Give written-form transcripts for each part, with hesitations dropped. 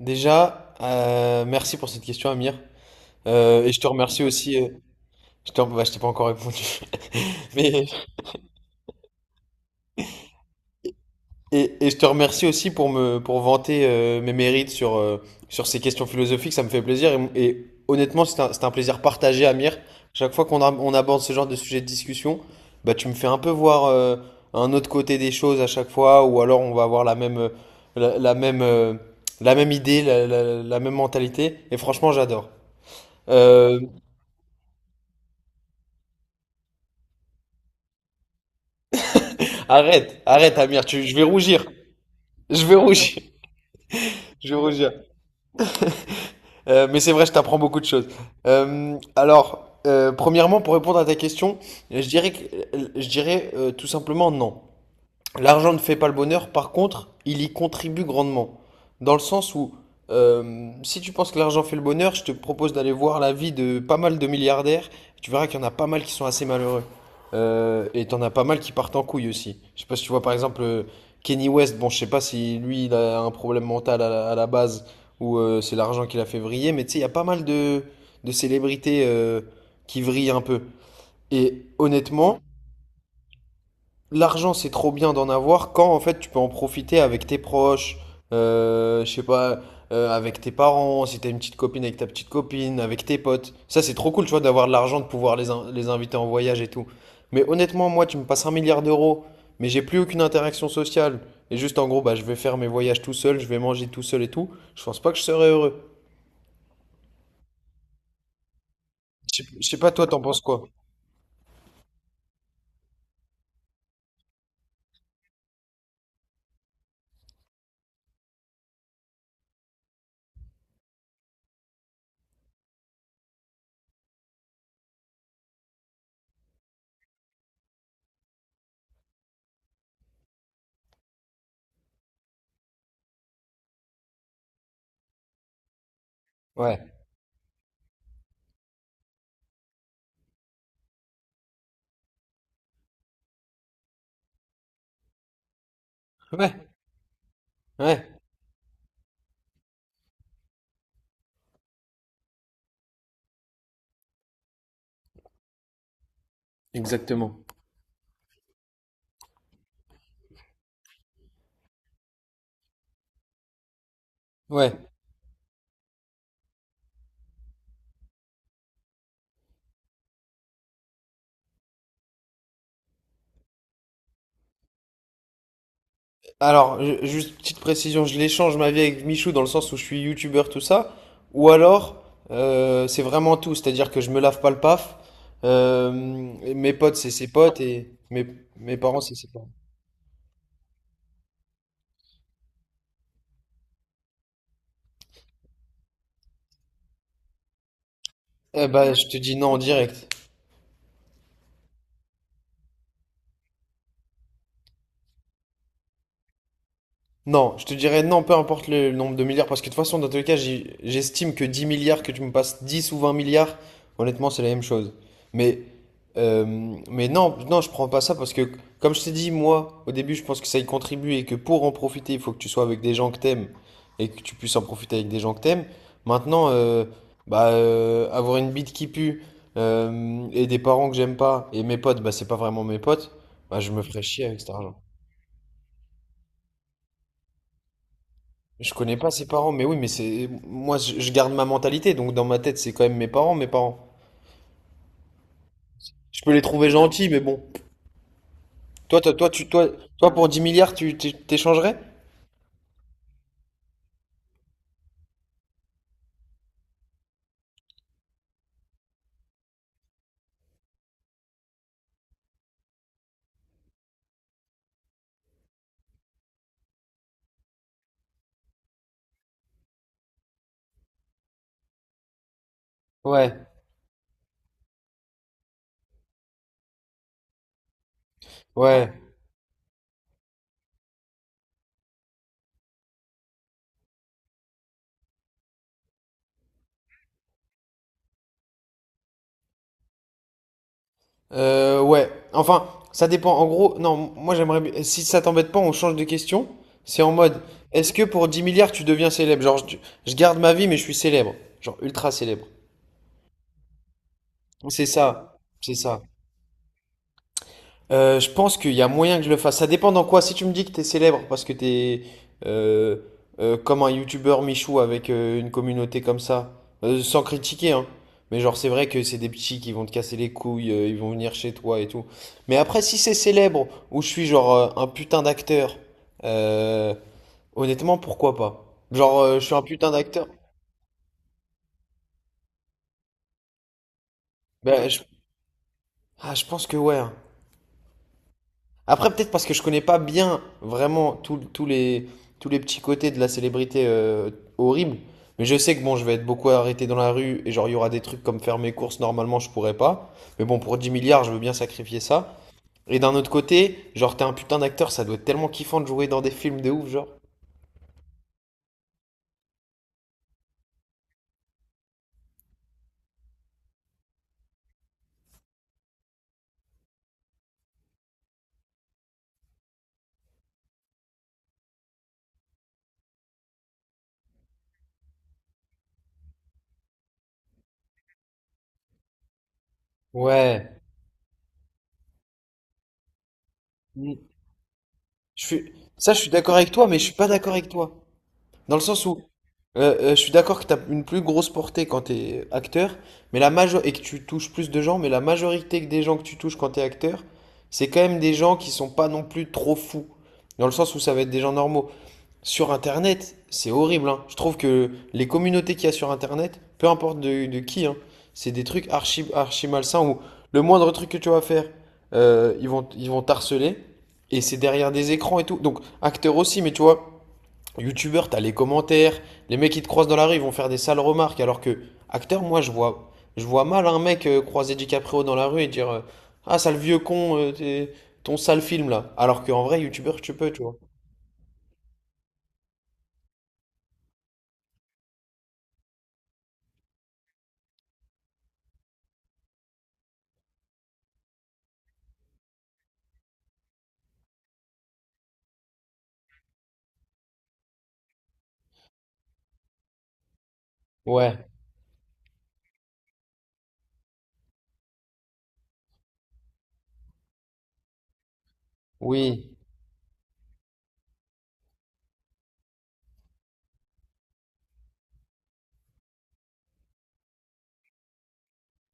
Déjà, merci pour cette question, Amir. Et je te remercie aussi. Je je t'ai pas encore répondu. Mais, et je te remercie aussi pour me pour vanter mes mérites sur ces questions philosophiques. Ça me fait plaisir. Et honnêtement, c'est un plaisir partagé, Amir. Chaque fois on aborde ce genre de sujet de discussion, bah, tu me fais un peu voir un autre côté des choses à chaque fois, ou alors on va avoir la la la même idée, la même mentalité. Et franchement, j'adore. Euh, Arrête, arrête, Amir, je vais rougir. Je vais rougir. Je vais rougir. Mais c'est vrai, je t'apprends beaucoup de choses. Premièrement, pour répondre à ta question, je dirais que, je dirais tout simplement non. L'argent ne fait pas le bonheur, par contre, il y contribue grandement. Dans le sens où si tu penses que l'argent fait le bonheur, je te propose d'aller voir la vie de pas mal de milliardaires. Tu verras qu'il y en a pas mal qui sont assez malheureux. Et t'en as pas mal qui partent en couille aussi. Je sais pas si tu vois par exemple Kenny West. Bon, je sais pas si lui il a un problème mental à à la base ou c'est l'argent qui l'a fait vriller, mais tu sais, il y a pas mal de célébrités qui vrillent un peu. Et honnêtement, l'argent, c'est trop bien d'en avoir quand en fait tu peux en profiter avec tes proches, je sais pas, avec tes parents, si t'as une petite copine avec ta petite copine, avec tes potes. Ça, c'est trop cool, tu vois, d'avoir de l'argent, de pouvoir les inviter en voyage et tout. Mais honnêtement, moi, tu me passes un milliard d'euros, mais j'ai plus aucune interaction sociale. Et juste en gros, bah, je vais faire mes voyages tout seul, je vais manger tout seul et tout. Je pense pas que je serais heureux. Je sais pas, toi, t'en penses quoi? Ouais. Ouais. Ouais. Exactement. Ouais. Alors, juste petite précision, je l'échange ma vie avec Michou dans le sens où je suis youtubeur, tout ça, ou alors c'est vraiment tout, c'est-à-dire que je me lave pas le paf, mes potes c'est ses potes et mes parents c'est ses parents. Eh ben, je te dis non en direct. Non, je te dirais non, peu importe le nombre de milliards, parce que de toute façon, dans tous les cas, j'estime que 10 milliards, que tu me passes 10 ou 20 milliards, honnêtement, c'est la même chose. Mais, mais non, non, je prends pas ça parce que, comme je t'ai dit, moi, au début, je pense que ça y contribue et que pour en profiter, il faut que tu sois avec des gens que t'aimes et que tu puisses en profiter avec des gens que t'aimes. Maintenant, avoir une bite qui pue et des parents que j'aime pas et mes potes, bah, c'est pas vraiment mes potes, bah, je me ferais chier avec cet argent. Je connais pas ses parents, mais oui, mais c'est. Moi, je garde ma mentalité, donc dans ma tête, c'est quand même mes parents, mes parents. Je peux les trouver gentils, mais bon. Toi, toi pour dix milliards, t'échangerais? Ouais, ouais. Ouais. Enfin, ça dépend. En gros, non, moi, Si ça t'embête pas, on change de question. C'est en mode, est-ce que pour 10 milliards, tu deviens célèbre? Je garde ma vie, mais je suis célèbre. Genre, ultra célèbre. C'est ça. C'est ça. Je pense qu'il y a moyen que je le fasse. Ça dépend dans quoi. Si tu me dis que t'es célèbre parce que t'es euh, comme un youtubeur Michou avec une communauté comme ça, sans critiquer, hein. Mais genre c'est vrai que c'est des petits qui vont te casser les couilles, ils vont venir chez toi et tout. Mais après si c'est célèbre ou je suis genre un putain d'acteur, euh, honnêtement pourquoi pas? Genre je suis un putain d'acteur. Ben je, ah, je pense que ouais. hein. Après, peut-être parce que je connais pas bien vraiment tous les petits côtés de la célébrité horrible. Mais je sais que bon, je vais être beaucoup arrêté dans la rue et genre, il y aura des trucs comme faire mes courses, normalement, je pourrais pas. Mais bon, pour 10 milliards, je veux bien sacrifier ça. Et d'un autre côté, genre, t'es un putain d'acteur, ça doit être tellement kiffant de jouer dans des films de ouf, genre. Ouais. Mm. Ça, je suis d'accord avec toi, mais je suis pas d'accord avec toi. Dans le sens où je suis d'accord que tu as une plus grosse portée quand tu es acteur, mais la major et que tu touches plus de gens, mais la majorité des gens que tu touches quand tu es acteur, c'est quand même des gens qui sont pas non plus trop fous. Dans le sens où ça va être des gens normaux. Sur Internet, c'est horrible, hein. Je trouve que les communautés qu'il y a sur Internet, peu importe de qui, hein, c'est des trucs archi, archi malsains où le moindre truc que tu vas faire, ils vont t'harceler. Et c'est derrière des écrans et tout. Donc, acteur aussi, mais tu vois. YouTubeur, t'as les commentaires, les mecs qui te croisent dans la rue, ils vont faire des sales remarques, alors que acteur, moi, je vois mal un mec croiser DiCaprio dans la rue et dire ah, sale vieux con, ton sale film là. Alors qu'en vrai, YouTubeur, tu peux, tu vois. Ouais, oui.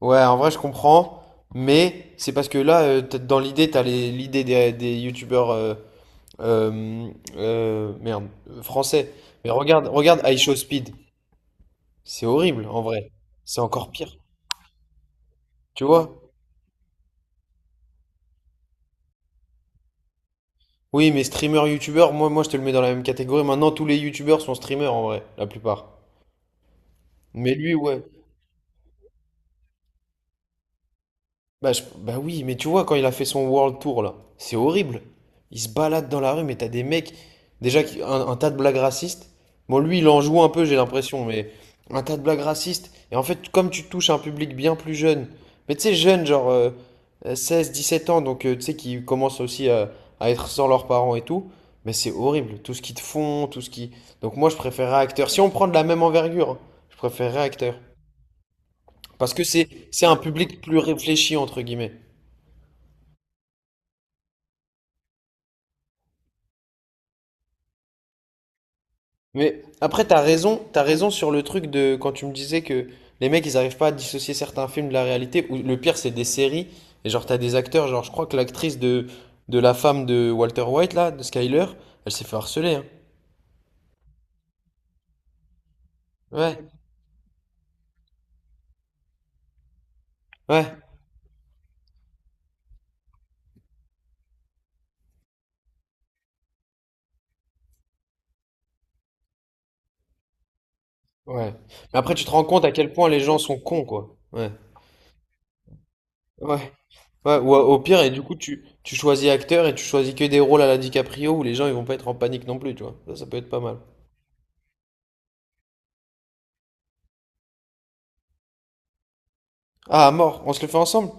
Ouais, en vrai, je comprends, mais c'est parce que là, dans l'idée, l'idée des youtubeurs français. Mais regarde, regarde I Show Speed. C'est horrible, en vrai. C'est encore pire. Tu vois? Oui, mais streamer, youtubeur, moi je te le mets dans la même catégorie. Maintenant, tous les youtubeurs sont streamers en vrai, la plupart. Mais lui, ouais. Bah oui, mais tu vois, quand il a fait son World Tour là, c'est horrible. Il se balade dans la rue, mais t'as des mecs, un tas de blagues racistes. Bon, lui, il en joue un peu, j'ai l'impression, mais un tas de blagues racistes. Et en fait, comme tu touches un public bien plus jeune, mais tu sais, jeune, genre 16, 17 ans, donc tu sais, qui commencent aussi à être sans leurs parents et tout, mais c'est horrible, tout ce qu'ils te font, tout ce qui. Donc moi, je préférerais acteur. Si on prend de la même envergure, hein, je préférerais acteur. Parce que c'est un public plus réfléchi, entre guillemets. Mais après, t'as raison sur le truc de quand tu me disais que les mecs ils arrivent pas à dissocier certains films de la réalité, ou le pire c'est des séries, et genre t'as des acteurs, genre je crois que de la femme de Walter White là, de Skyler, elle s'est fait harceler, hein. Ouais, ouais, ouais. Mais après tu te rends compte à quel point les gens sont cons quoi. Ouais, ouais, ouais, ou au pire, et du coup tu choisis acteur et tu choisis que des rôles à la DiCaprio où les gens ils vont pas être en panique non plus, tu vois. Ça peut être pas mal. Ah, à mort, on se le fait ensemble?